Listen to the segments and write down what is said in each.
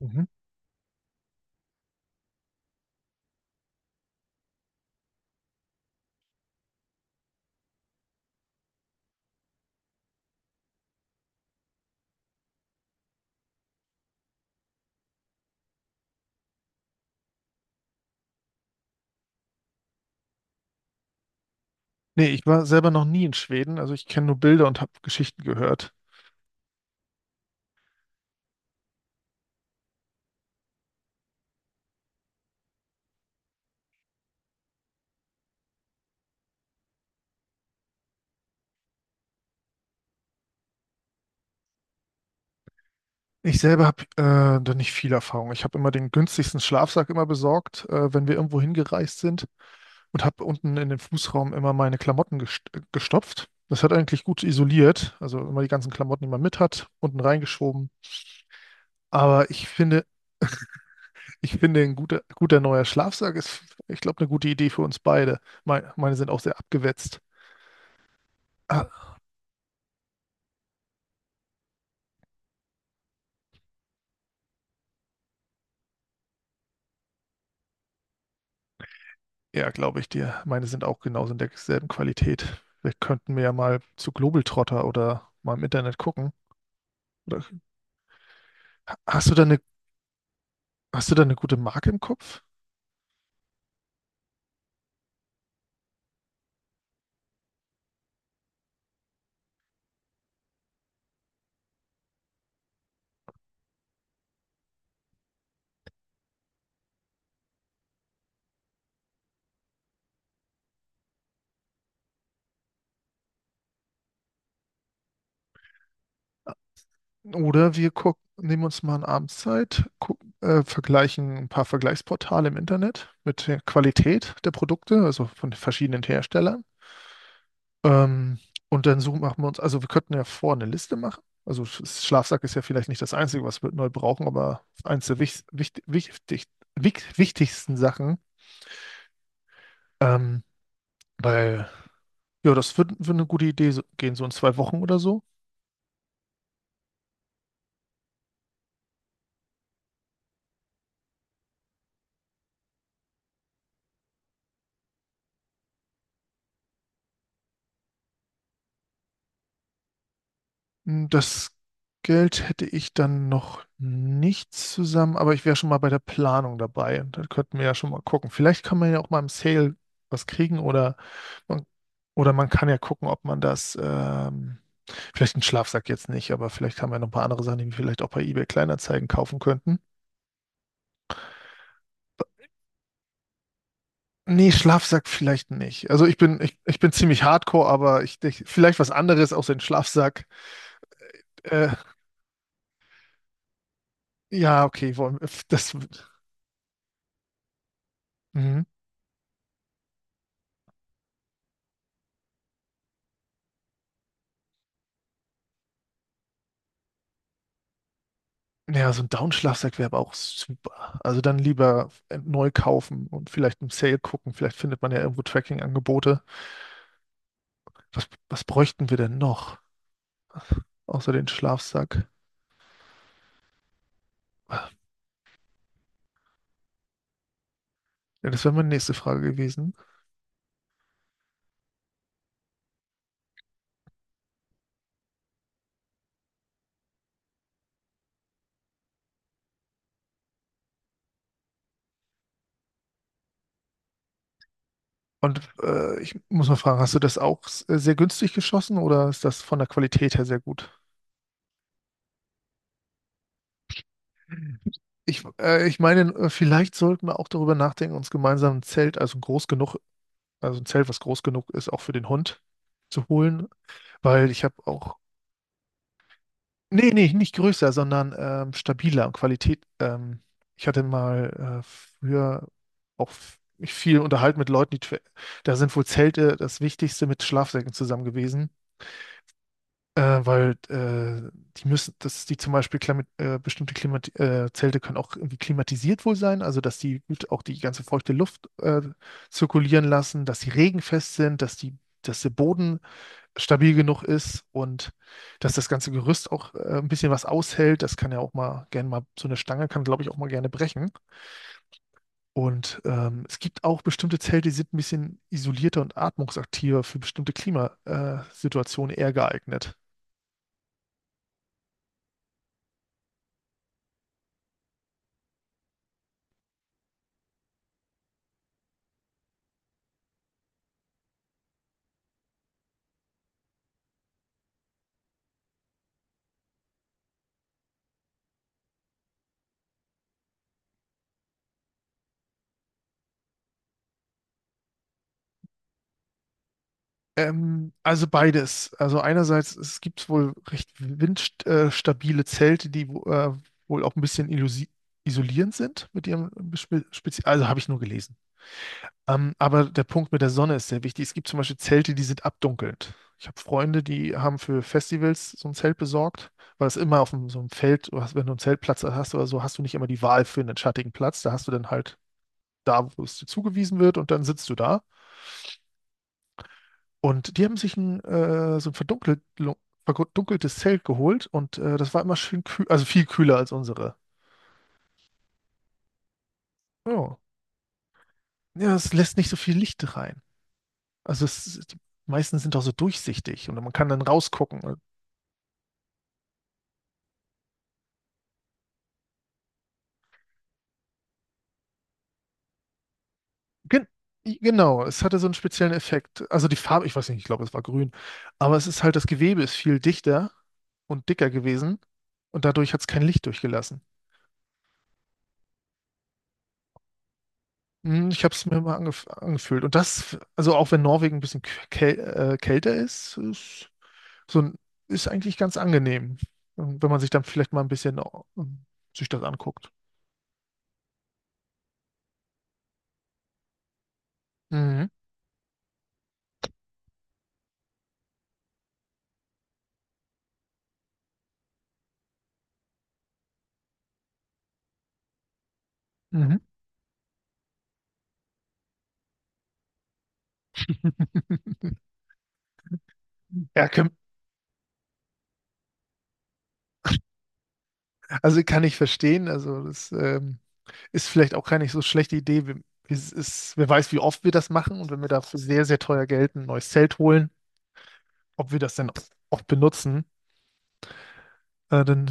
Mhm. Nee, ich war selber noch nie in Schweden, also ich kenne nur Bilder und habe Geschichten gehört. Ich selber habe da nicht viel Erfahrung. Ich habe immer den günstigsten Schlafsack immer besorgt, wenn wir irgendwo hingereist sind und habe unten in den Fußraum immer meine Klamotten gestopft. Das hat eigentlich gut isoliert, also immer die ganzen Klamotten, die man mit hat, unten reingeschoben. Aber ich finde, ein guter, guter neuer Schlafsack ist, ich glaube, eine gute Idee für uns beide. Meine sind auch sehr abgewetzt. Ja, glaube ich dir. Meine sind auch genauso in derselben Qualität. Wir könnten mir ja mal zu Globetrotter oder mal im Internet gucken. Oder hast du da eine, hast du da eine gute Marke im Kopf? Oder wir gucken, nehmen uns mal eine Abendszeit, gucken, vergleichen ein paar Vergleichsportale im Internet mit der Qualität der Produkte, also von verschiedenen Herstellern. Ähm, und dann suchen, machen wir uns, also wir könnten ja vor eine Liste machen. Also Schlafsack ist ja vielleicht nicht das Einzige, was wir neu brauchen, aber eins der wichtigsten Sachen. Ähm, Weil, ja, das würde würd würd eine gute Idee gehen, so in zwei Wochen oder so. Das Geld hätte ich dann noch nicht zusammen, aber ich wäre schon mal bei der Planung dabei. Und dann könnten wir ja schon mal gucken. Vielleicht kann man ja auch mal im Sale was kriegen oder man, man kann ja gucken, ob man das vielleicht einen Schlafsack jetzt nicht, aber vielleicht haben wir noch ein paar andere Sachen, die wir vielleicht auch bei eBay Kleinanzeigen kaufen könnten. Nee, Schlafsack vielleicht nicht. Also ich bin ziemlich hardcore, aber ich vielleicht was anderes außer den Schlafsack. Äh, ja, okay, wollen das. Mhm. Ja, so ein Down-Schlafsack wäre aber auch super. Also dann lieber neu kaufen und vielleicht im Sale gucken. Vielleicht findet man ja irgendwo Tracking-Angebote. Was bräuchten wir denn noch außer den Schlafsack? Ja, das wäre meine nächste Frage gewesen. Und ich muss mal fragen, hast du das auch sehr günstig geschossen oder ist das von der Qualität her sehr gut? Ich meine, vielleicht sollten wir auch darüber nachdenken, uns gemeinsam ein Zelt, also ein groß genug, also ein Zelt, was groß genug ist, auch für den Hund zu holen, weil ich habe auch, nee, nee, nicht größer, sondern stabiler und Qualität. Ich hatte mal früher auch mich viel unterhalten mit Leuten, da sind wohl Zelte das Wichtigste mit Schlafsäcken zusammen gewesen. Weil die müssen, dass die zum Beispiel bestimmte Klimat Zelte können auch irgendwie klimatisiert wohl sein, also dass die gut auch die ganze feuchte Luft zirkulieren lassen, dass sie regenfest sind, dass der Boden stabil genug ist und dass das ganze Gerüst auch ein bisschen was aushält. Das kann ja auch mal gerne mal, so eine Stange kann, glaube ich, auch mal gerne brechen. Und es gibt auch bestimmte Zelte, die sind ein bisschen isolierter und atmungsaktiver für bestimmte Klimasituationen eher geeignet. Also beides. Also einerseits, es gibt wohl recht windstabile Zelte, die wohl auch ein bisschen isolierend sind mit ihrem Also habe ich nur gelesen. Aber der Punkt mit der Sonne ist sehr wichtig. Es gibt zum Beispiel Zelte, die sind abdunkelnd. Ich habe Freunde, die haben für Festivals so ein Zelt besorgt, weil es immer auf dem, so einem Feld, wenn du einen Zeltplatz hast oder so, hast du nicht immer die Wahl für einen schattigen Platz. Da hast du dann halt da, wo es dir zugewiesen wird und dann sitzt du da. Und die haben sich so ein verdunkeltes Zelt geholt und das war immer schön kühl, also viel kühler als unsere. Ja. Ja, es lässt nicht so viel Licht rein. Also es, die meisten sind auch so durchsichtig und man kann dann rausgucken. Gen genau, es hatte so einen speziellen Effekt. Also die Farbe, ich weiß nicht, ich glaube, es war grün, aber es ist halt, das Gewebe ist viel dichter und dicker gewesen und dadurch hat es kein Licht durchgelassen. Ich habe es mir mal angefühlt. Und das, also auch wenn Norwegen ein bisschen käl kälter so ein, ist eigentlich ganz angenehm. Wenn man sich dann vielleicht mal ein bisschen sich das anguckt. Mhm. Mhm. Ja, also kann ich verstehen. Also das ist vielleicht auch keine so schlechte Idee. Es ist, wer weiß, wie oft wir das machen und wenn wir dafür sehr, sehr teuer Geld ein neues Zelt holen, ob wir das dann oft benutzen. Dann,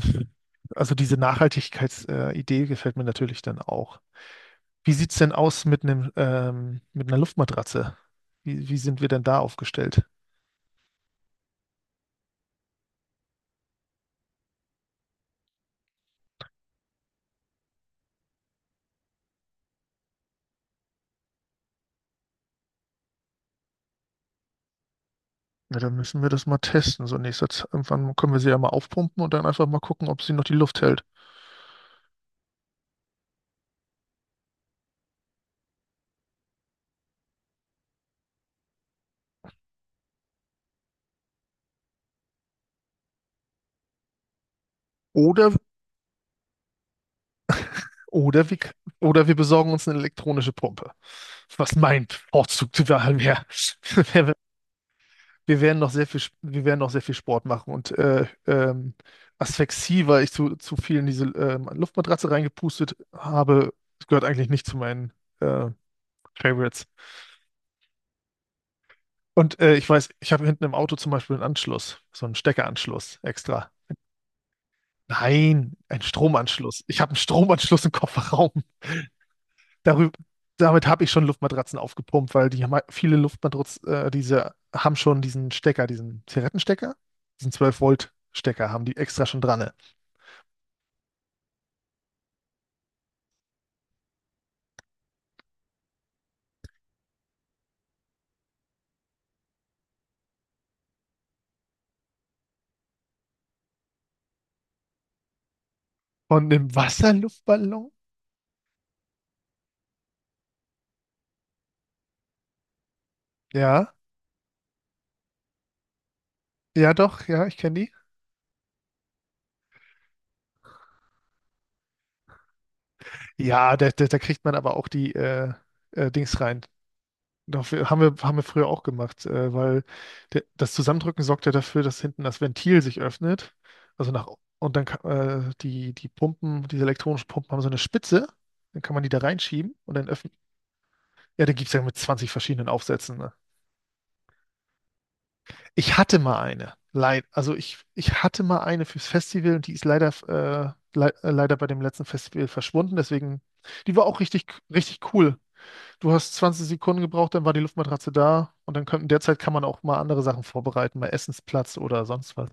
also diese Nachhaltigkeitsidee Idee gefällt mir natürlich dann auch. Wie sieht's denn aus mit einer Luftmatratze? Wie sind wir denn da aufgestellt? Ja, dann müssen wir das mal testen. So in nächster Zeit. Irgendwann können wir sie ja mal aufpumpen und dann einfach mal gucken, ob sie noch die Luft hält. Oder, oder wir, oder wir besorgen uns eine elektronische Pumpe. Was mein Vorzug wäre, wäre, wir werden noch sehr viel, wir werden noch sehr viel Sport machen und Asphyxie, weil ich zu viel in diese Luftmatratze reingepustet habe, das gehört eigentlich nicht zu meinen äh, Favorites. Und ich weiß, ich habe hinten im Auto zum Beispiel einen Anschluss, so einen Steckeranschluss extra. Nein, einen Stromanschluss. Ich habe einen Stromanschluss im Kofferraum. Darüber, damit habe ich schon Luftmatratzen aufgepumpt, weil die haben viele Luftmatratzen, diese haben schon diesen Stecker, diesen Zigarettenstecker, diesen 12-Volt-Stecker haben die extra schon dran. Ne? Und im Wasserluftballon? Ja, ja doch, ja, ich kenne die. Ja, da kriegt man aber auch die Dings rein. Doch, haben wir früher auch gemacht, weil das Zusammendrücken sorgt ja dafür, dass hinten das Ventil sich öffnet. Also nach, und dann die diese elektronischen Pumpen haben so eine Spitze. Dann kann man die da reinschieben und dann öffnen. Ja, da gibt es ja mit 20 verschiedenen Aufsätzen. Ne? Ich hatte mal eine. Also ich hatte mal eine fürs Festival und die ist leider bei dem letzten Festival verschwunden. Deswegen, die war auch richtig, richtig cool. Du hast 20 Sekunden gebraucht, dann war die Luftmatratze da und dann könnten derzeit kann man auch mal andere Sachen vorbereiten, mal Essensplatz oder sonst was.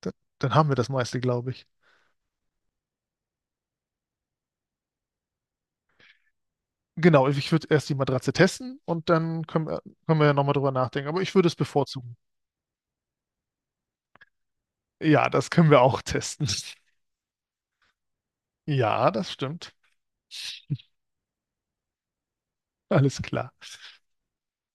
Da- Dann haben wir das meiste, glaube ich. Genau, ich würde erst die Matratze testen und dann können wir ja nochmal drüber nachdenken. Aber ich würde es bevorzugen. Ja, das können wir auch testen. Ja, das stimmt. Alles klar.